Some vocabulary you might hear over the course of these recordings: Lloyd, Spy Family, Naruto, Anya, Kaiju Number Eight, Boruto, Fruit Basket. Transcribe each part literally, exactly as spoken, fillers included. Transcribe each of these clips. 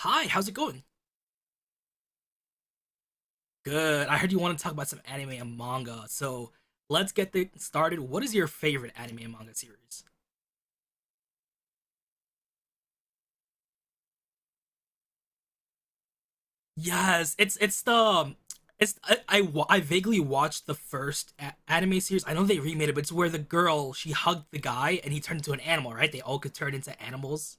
Hi, how's it going? Good. I heard you want to talk about some anime and manga, so let's get things started. What is your favorite anime and manga series? Yes, it's it's the it's I, I, wa- I vaguely watched the first a- anime series. I know they remade it, but it's where the girl she hugged the guy and he turned into an animal, right? They all could turn into animals.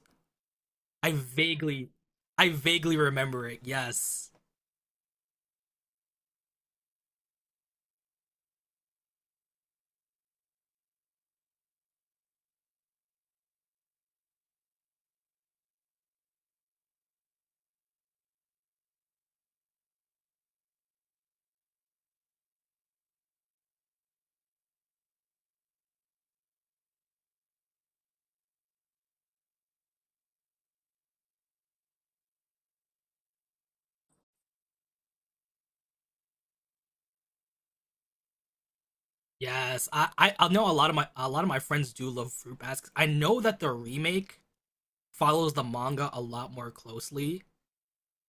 I vaguely I vaguely remember it. Yes. Yes. I I, I know a lot of my a lot of my friends do love Fruit Basket. I know that the remake follows the manga a lot more closely.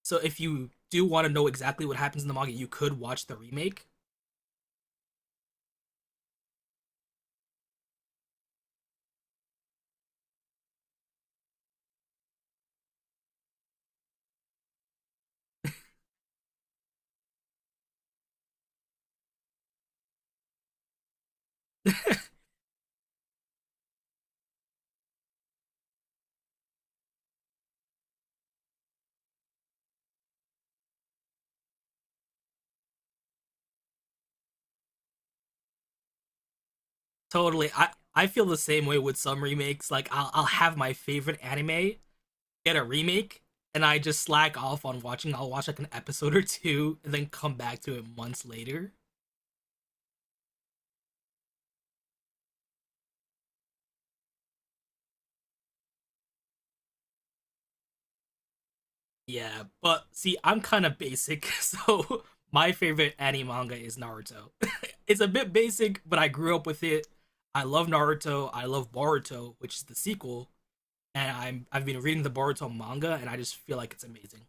So if you do want to know exactly what happens in the manga, you could watch the remake. Totally, I I feel the same way with some remakes. Like I'll I'll have my favorite anime get a remake, and I just slack off on watching. I'll watch like an episode or two, and then come back to it months later. Yeah, but see, I'm kind of basic, so my favorite anime manga is Naruto. It's a bit basic, but I grew up with it. I love Naruto. I love Boruto, which is the sequel. And I'm I've been reading the Boruto manga, and I just feel like it's amazing.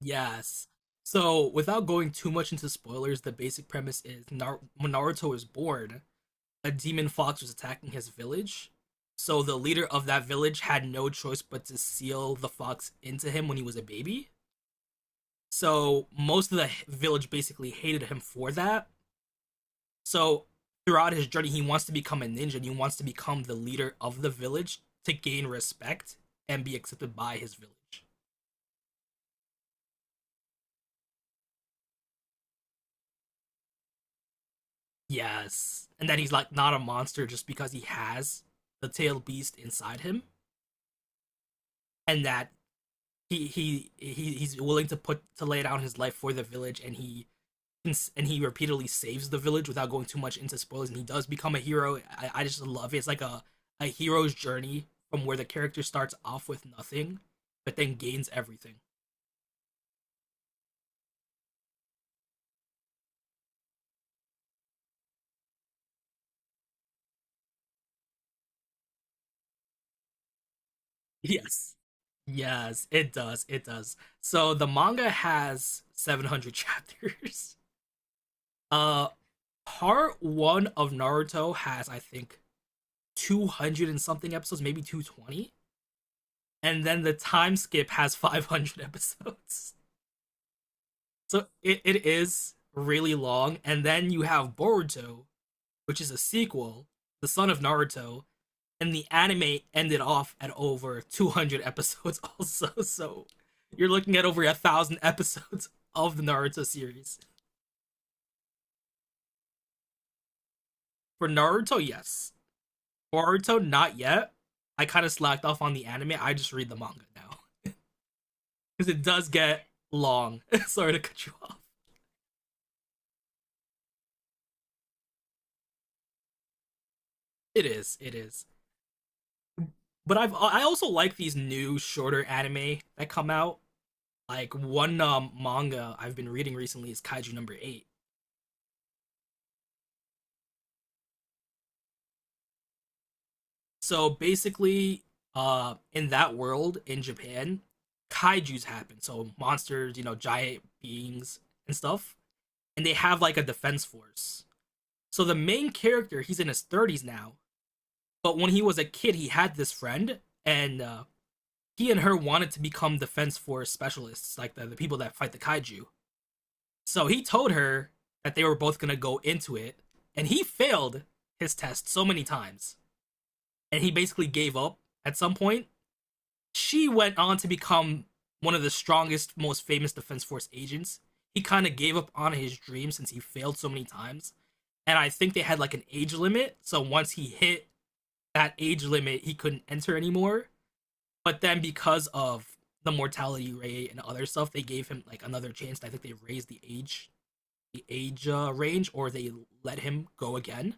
Yes. So without going too much into spoilers, the basic premise is Nar- when Naruto is born, a demon fox was attacking his village. So the leader of that village had no choice but to seal the fox into him when he was a baby. So most of the village basically hated him for that. So throughout his journey, he wants to become a ninja and he wants to become the leader of the village to gain respect and be accepted by his village. Yes. And that he's like not a monster just because he has the tailed beast inside him and that he he, he he's willing to put to lay down his life for the village and he and he repeatedly saves the village without going too much into spoilers and he does become a hero. I, I just love it. It's like a, a hero's journey from where the character starts off with nothing but then gains everything. Yes. Yes, it does. It does. So the manga has seven hundred chapters. Uh part one of Naruto has, I think, two hundred and something episodes, maybe two twenty. And then the time skip has five hundred episodes. So it, it is really long. And then you have Boruto, which is a sequel, the son of Naruto. And the anime ended off at over two hundred episodes, also. So you're looking at over a thousand episodes of the Naruto series. For Naruto, yes. Boruto, not yet. I kind of slacked off on the anime. I just read the manga now because it does get long. Sorry to cut you off. It is. It is. But I've I also like these new shorter anime that come out. Like one um, manga I've been reading recently is Kaiju Number Eight. So basically, uh, in that world in Japan, kaiju's happen. So monsters, you know, giant beings and stuff. And they have like a defense force. So the main character, he's in his thirties now. But when he was a kid, he had this friend, and uh, he and her wanted to become defense force specialists, like the, the people that fight the kaiju. So he told her that they were both gonna go into it, and he failed his test so many times, and he basically gave up at some point. She went on to become one of the strongest, most famous defense force agents. He kind of gave up on his dream since he failed so many times, and I think they had like an age limit. So once he hit that age limit, he couldn't enter anymore. But then because of the mortality rate and other stuff, they gave him like another chance. I think they raised the age the age uh, range or they let him go again.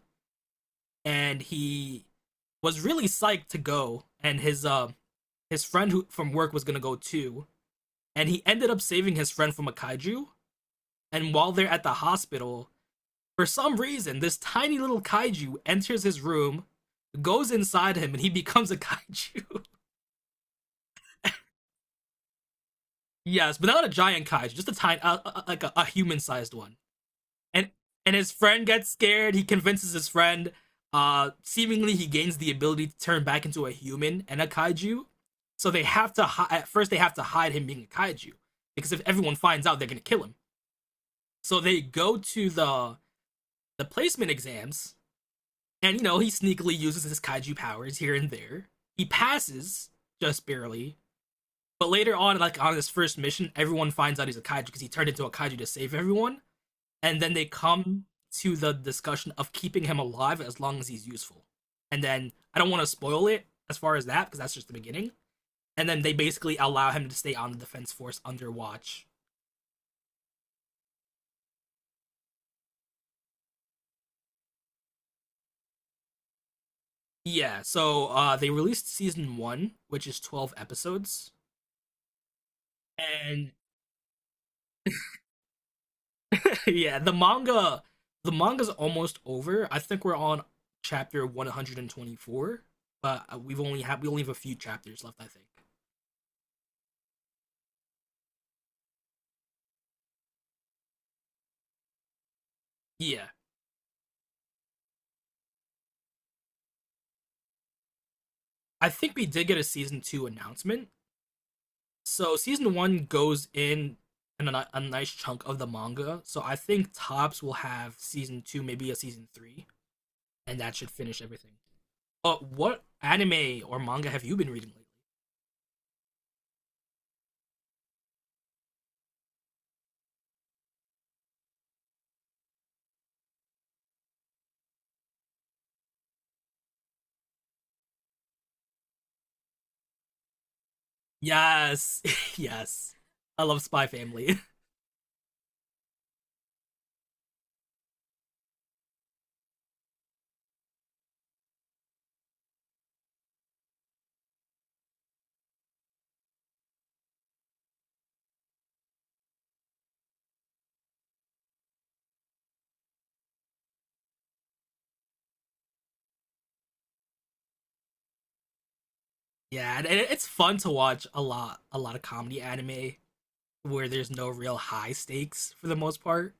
And he was really psyched to go and his uh his friend who from work was gonna go too. And he ended up saving his friend from a kaiju. And while they're at the hospital, for some reason, this tiny little kaiju enters his room, goes inside him, and he becomes a kaiju. Yes, but not a giant kaiju, just a tiny, uh, uh, like a, a human-sized one. And and his friend gets scared. He convinces his friend. Uh, seemingly he gains the ability to turn back into a human and a kaiju. So they have to hi- at first they have to hide him being a kaiju because if everyone finds out, they're gonna kill him. So they go to the the placement exams, and you know he sneakily uses his kaiju powers here and there. He passes just barely. But later on, like on his first mission, everyone finds out he's a kaiju because he turned into a kaiju to save everyone, and then they come to the discussion of keeping him alive as long as he's useful. And then I don't want to spoil it as far as that because that's just the beginning. And then they basically allow him to stay on the defense force under watch. Yeah, so uh, they released season one, which is twelve episodes, and yeah, the manga the manga's almost over. I think we're on chapter one hundred twenty-four, but we've only have we only have a few chapters left, I think. Yeah. I think we did get a season two announcement. So season one goes in and a, a nice chunk of the manga. So I think Tops will have season two, maybe a season three, and that should finish everything. But uh, what anime or manga have you been reading lately? Yes. Yes. I love Spy Family. Yeah, and it's fun to watch a lot, a lot of comedy anime where there's no real high stakes for the most part.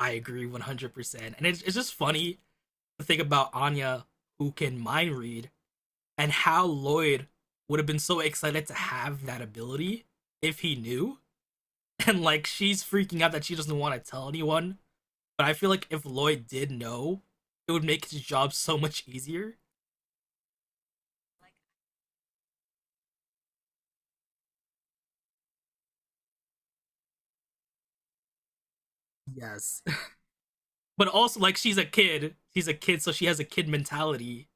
I agree one hundred percent. And it's, it's just funny to think about Anya, who can mind read, and how Lloyd would have been so excited to have that ability if he knew. And like, she's freaking out that she doesn't want to tell anyone. But I feel like if Lloyd did know, it would make his job so much easier. Yes. But also, like, she's a kid. She's a kid, so she has a kid mentality.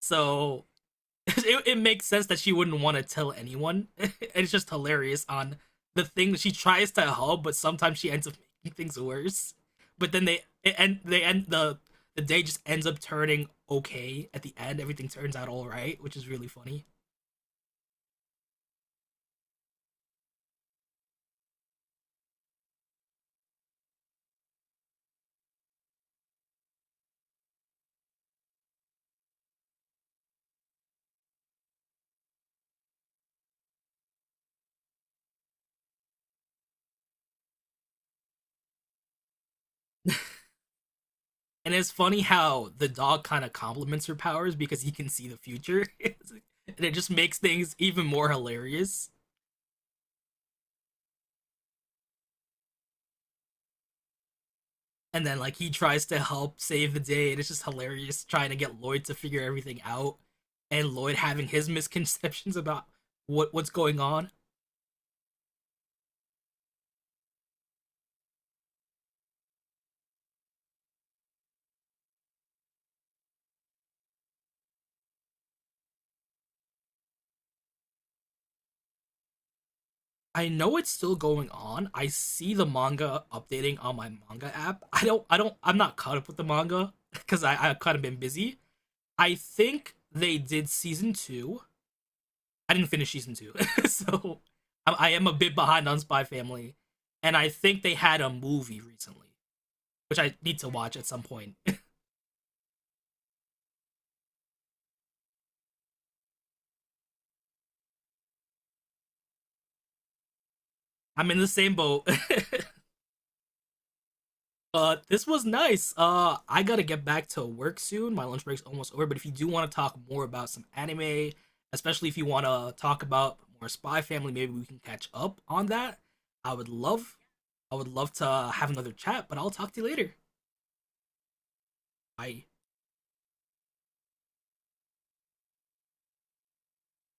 So it, it makes sense that she wouldn't want to tell anyone. It's just hilarious on the thing she tries to help, but sometimes she ends up making things worse. But then they and they end the the day just ends up turning okay at the end. Everything turns out all right, which is really funny. And it's funny how the dog kind of complements her powers because he can see the future, and it just makes things even more hilarious and then like he tries to help save the day, and it's just hilarious trying to get Lloyd to figure everything out, and Lloyd having his misconceptions about what what's going on. I know it's still going on. I see the manga updating on my manga app. I don't I don't I'm not caught up with the manga because I I've kind of been busy. I think they did season two. I didn't finish season two, so I, I am a bit behind on Spy Family, and I think they had a movie recently, which I need to watch at some point. I'm in the same boat. uh, this was nice. Uh, I gotta get back to work soon. My lunch break's almost over. But if you do want to talk more about some anime, especially if you want to talk about more Spy Family, maybe we can catch up on that. I would love, I would love to have another chat. But I'll talk to you later. Bye.